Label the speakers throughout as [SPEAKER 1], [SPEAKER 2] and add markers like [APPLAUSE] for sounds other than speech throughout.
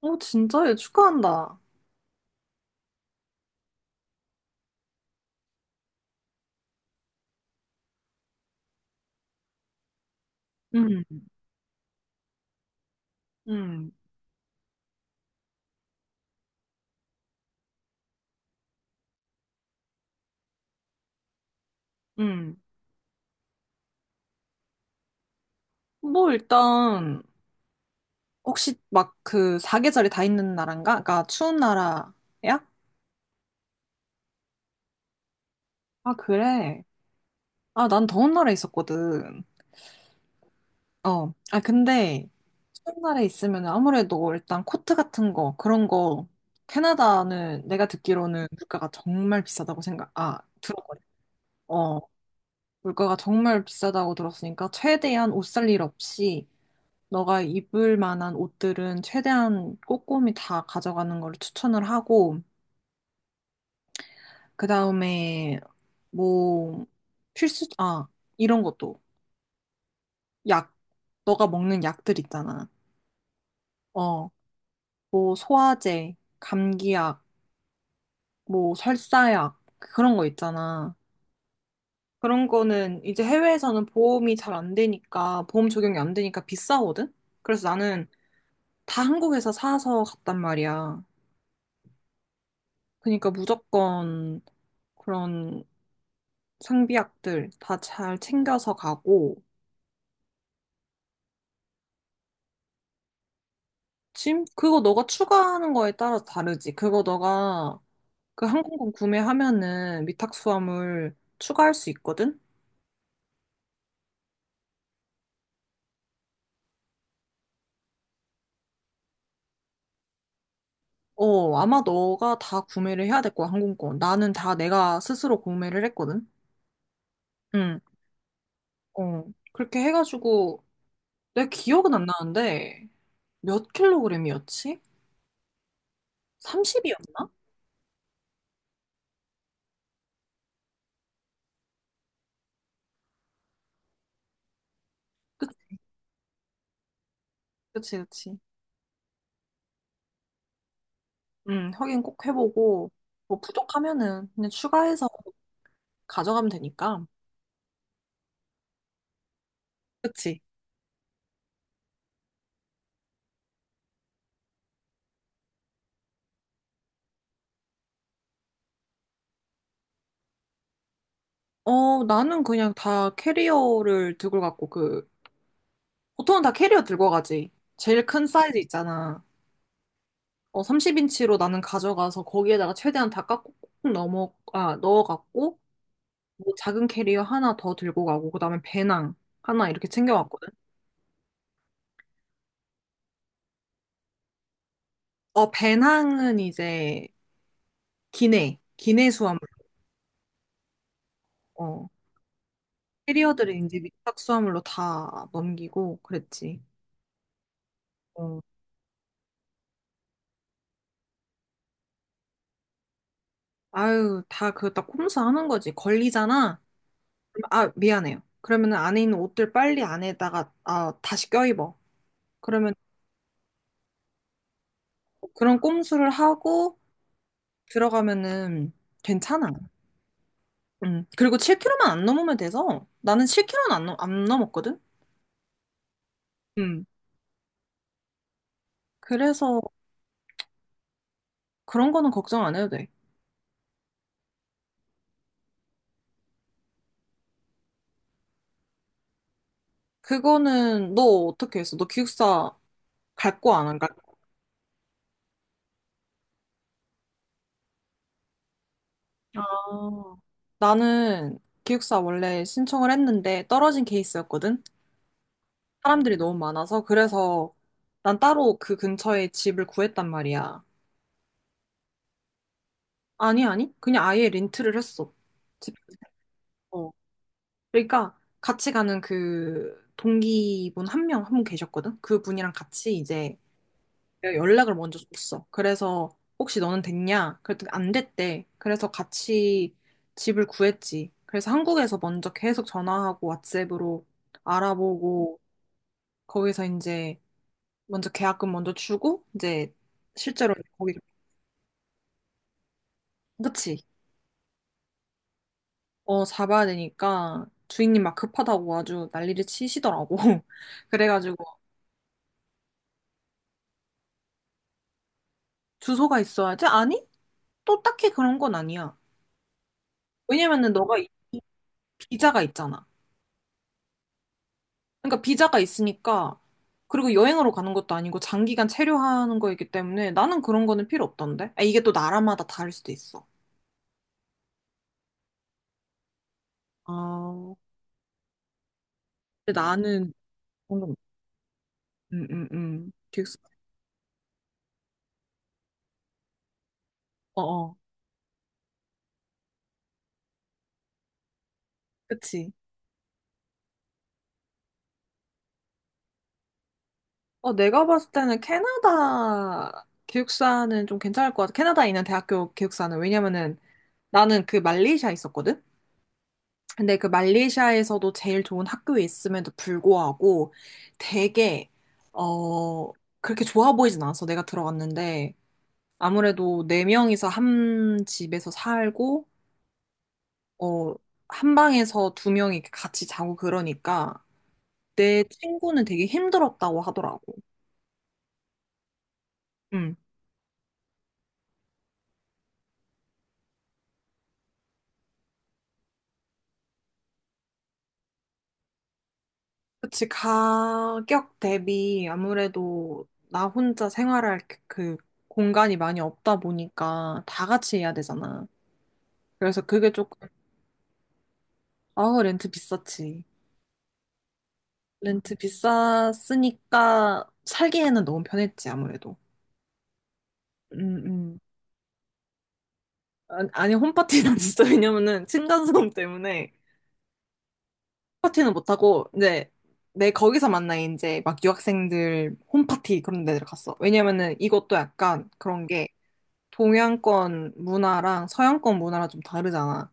[SPEAKER 1] 어, 진짜? 요 축하한다. 음, 음, 음. 뭐, 일단, 혹시 막 그 사계절이 다 있는 나라인가? 그러니까 추운 나라야? 아, 그래. 아, 난 더운 나라에 있었거든. 어. 아, 근데 추운 나라에 있으면 아무래도 일단 코트 같은 거, 그런 거, 캐나다는 내가 듣기로는 물가가 정말 비싸다고 들었거든. 어. 물가가 정말 비싸다고 들었으니까 최대한 옷 살 일 없이 너가 입을 만한 옷들은 최대한 꼼꼼히 다 가져가는 걸 추천을 하고, 그 다음에 뭐 필수, 아, 이런 것도 약, 너가 먹는 약들 있잖아. 어, 뭐 소화제, 감기약, 뭐 설사약, 그런 거 있잖아. 그런 거는 이제 해외에서는 보험이 잘 안 되니까, 보험 적용이 안 되니까 비싸거든? 그래서 나는 다 한국에서 사서 갔단 말이야. 그러니까 무조건 그런 상비약들 다 잘 챙겨서 가고, 짐? 그거 너가 추가하는 거에 따라서 다르지. 그거 너가 그 항공권 구매하면은 위탁 수화물 추가할 수 있거든? 어, 아마 너가 다 구매를 해야 될 거야, 항공권. 나는 다 내가 스스로 구매를 했거든? 응, 어. 그렇게 해가지고, 내 기억은 안 나는데, 몇 킬로그램이었지? 30이었나? 그치, 그치, 그치. 응, 확인 꼭 해보고, 뭐 부족하면은 그냥 추가해서 가져가면 되니까. 그치? 어, 나는 그냥 다 캐리어를 들고 갔고, 그, 보통은 다 캐리어 들고 가지. 제일 큰 사이즈 있잖아. 어, 30인치로 나는 가져가서 거기에다가 최대한 다 깎고 꾹꾹 넣어갖고, 뭐 작은 캐리어 하나 더 들고 가고, 그 다음에 배낭 하나 이렇게 챙겨왔거든. 어, 배낭은 이제 기내 수화물. 어, 캐리어들은 이제 밑밥 수화물로 다 넘기고 그랬지. 어, 아유, 다 그, 딱 꼼수 하는 거지. 걸리잖아. 아, 미안해요. 그러면은 안에 있는 옷들 빨리 안에다가 다시 껴입어. 그러면 그런 꼼수를 하고 들어가면은 괜찮아. 음. 그리고 7kg만 안 넘으면 돼서 나는 7kg는 안 넘었거든? 음. 그래서 그런 거는 걱정 안 해도 돼. 그거는 너 어떻게 했어? 너 기숙사 갈 거 안 갈 거? 아. 나는 기숙사 원래 신청을 했는데 떨어진 케이스였거든? 사람들이 너무 많아서 그래서 난 따로 그 근처에 집을 구했단 말이야. 아니, 아니. 그냥 아예 렌트를 했어. 집. 어. 그러니까 같이 가는 그 동기분 한 명, 한 분 계셨거든? 그분이랑 같이 이제 내가 연락을 먼저 줬어. 그래서 혹시 너는 됐냐? 그랬더니 안 됐대. 그래서 같이 집을 구했지. 그래서 한국에서 먼저 계속 전화하고 왓츠앱으로 알아보고 거기서 이제 먼저 계약금 먼저 주고 이제 실제로 네. 거기. 그치. 어, 잡아야 되니까 주인님 막 급하다고 아주 난리를 치시더라고. [LAUGHS] 그래가지고. 주소가 있어야지? 아니, 또 딱히 그런 건 아니야. 왜냐면은 비자가 있잖아. 그러니까 비자가 있으니까. 그리고 여행으로 가는 것도 아니고 장기간 체류하는 거이기 때문에 나는 그런 거는 필요 없던데, 이게 또 나라마다 다를 수도 있어. 아, 근데 나는. 응응응. 기획사. 어어. 그치. 어, 내가 봤을 때는 캐나다 기숙사는 좀 괜찮을 것 같아. 캐나다에 있는 대학교 기숙사는. 왜냐면은 나는 그 말레이시아에 있었거든? 근데 그 말레이시아에서도 제일 좋은 학교에 있음에도 불구하고 되게, 어, 그렇게 좋아 보이진 않았어. 내가 들어갔는데. 아무래도 네명이서한 집에서 살고, 어, 한 방에서 두명이 같이 자고 그러니까 내 친구는 되게 힘들었다고 하더라고. 응. 그치, 가격 대비 아무래도 나 혼자 생활할 그그 공간이 많이 없다 보니까 다 같이 해야 되잖아. 그래서 그게 조금, 아, 렌트 비쌌지. 렌트 비쌌으니까 살기에는 너무 편했지, 아무래도. 음, 음. 아니, 아니, 홈파티는 [LAUGHS] 진짜 왜냐면은 층간소음 때문에 파티는 못하고 이제 내 거기서 만나 이제 막 유학생들 홈파티 그런 데를 갔어. 왜냐면은 이것도 약간 그런 게 동양권 문화랑 서양권 문화랑 좀 다르잖아.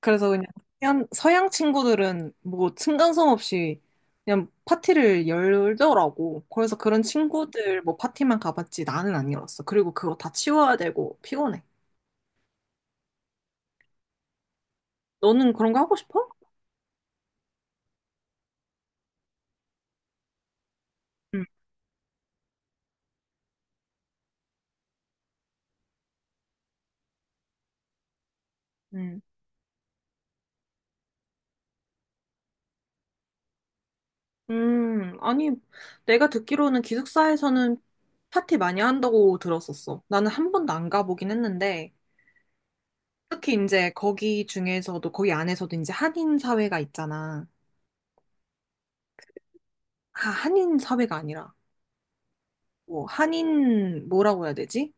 [SPEAKER 1] 그래서 그냥 서양 친구들은 뭐 층간소음 없이 그냥 파티를 열더라고. 그래서 그런 친구들 뭐 파티만 가봤지 나는 안 열었어. 그리고 그거 다 치워야 되고 피곤해. 너는 그런 거 하고 싶어? 응. 응. 아니, 내가 듣기로는 기숙사에서는 파티 많이 한다고 들었었어. 나는 한 번도 안 가보긴 했는데, 특히 이제 거기 중에서도, 거기 안에서도 이제 한인 사회가 있잖아. 아, 한인 사회가 아니라 뭐 한인 뭐라고 해야 되지?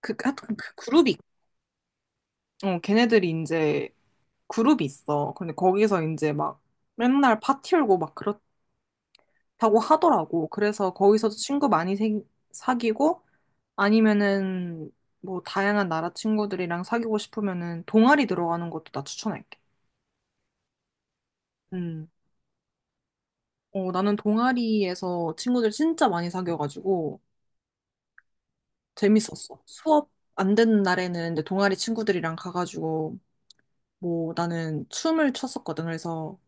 [SPEAKER 1] 그 하여튼 그 그룹이. 어, 걔네들이 이제 그룹이 있어. 근데 거기서 이제 막 맨날 파티 열고 막 그렇다고 하더라고. 그래서 거기서도 친구 많이 사귀고. 아니면은 뭐 다양한 나라 친구들이랑 사귀고 싶으면은 동아리 들어가는 것도 나 추천할게. 음. 어, 나는 동아리에서 친구들 진짜 많이 사귀어가지고 재밌었어. 수업 안 되는 날에는 이제 동아리 친구들이랑 가가지고 뭐 나는 춤을 췄었거든. 그래서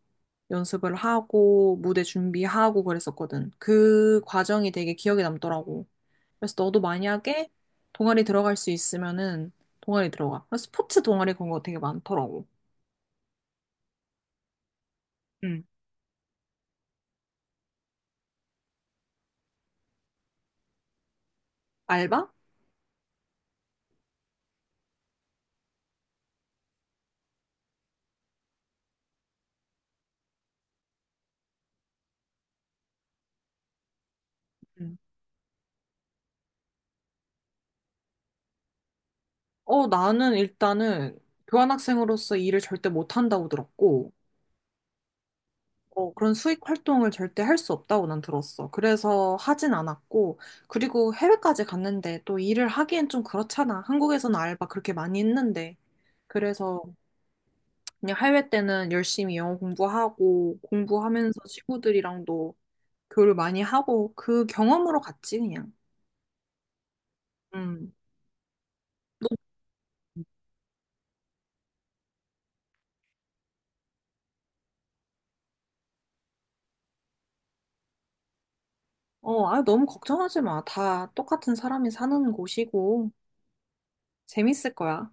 [SPEAKER 1] 연습을 하고 무대 준비하고 그랬었거든. 그 과정이 되게 기억에 남더라고. 그래서 너도 만약에 동아리 들어갈 수 있으면은 동아리 들어가. 그래서 스포츠 동아리 그런 거 되게 많더라고. 응, 알바? 응. 어, 나는 일단은 교환학생으로서 일을 절대 못한다고 들었고, 어, 그런 수익 활동을 절대 할 수 없다고 난 들었어. 그래서 하진 않았고, 그리고 해외까지 갔는데 또 일을 하기엔 좀 그렇잖아. 한국에서는 알바 그렇게 많이 했는데. 그래서 그냥 해외 때는 열심히 영어 공부하고, 공부하면서 친구들이랑도 교류 많이 하고, 그 경험으로 갔지, 그냥. 음. 어, 아, 너무 걱정하지 마. 다 똑같은 사람이 사는 곳이고, 재밌을 거야.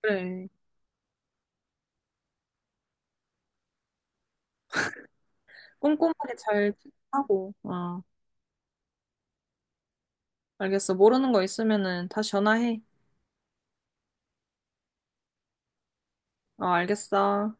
[SPEAKER 1] 그래. 꼼꼼하게 잘 하고, 어. 알겠어. 모르는 거 있으면은 다시 전화해. 어, 알겠어.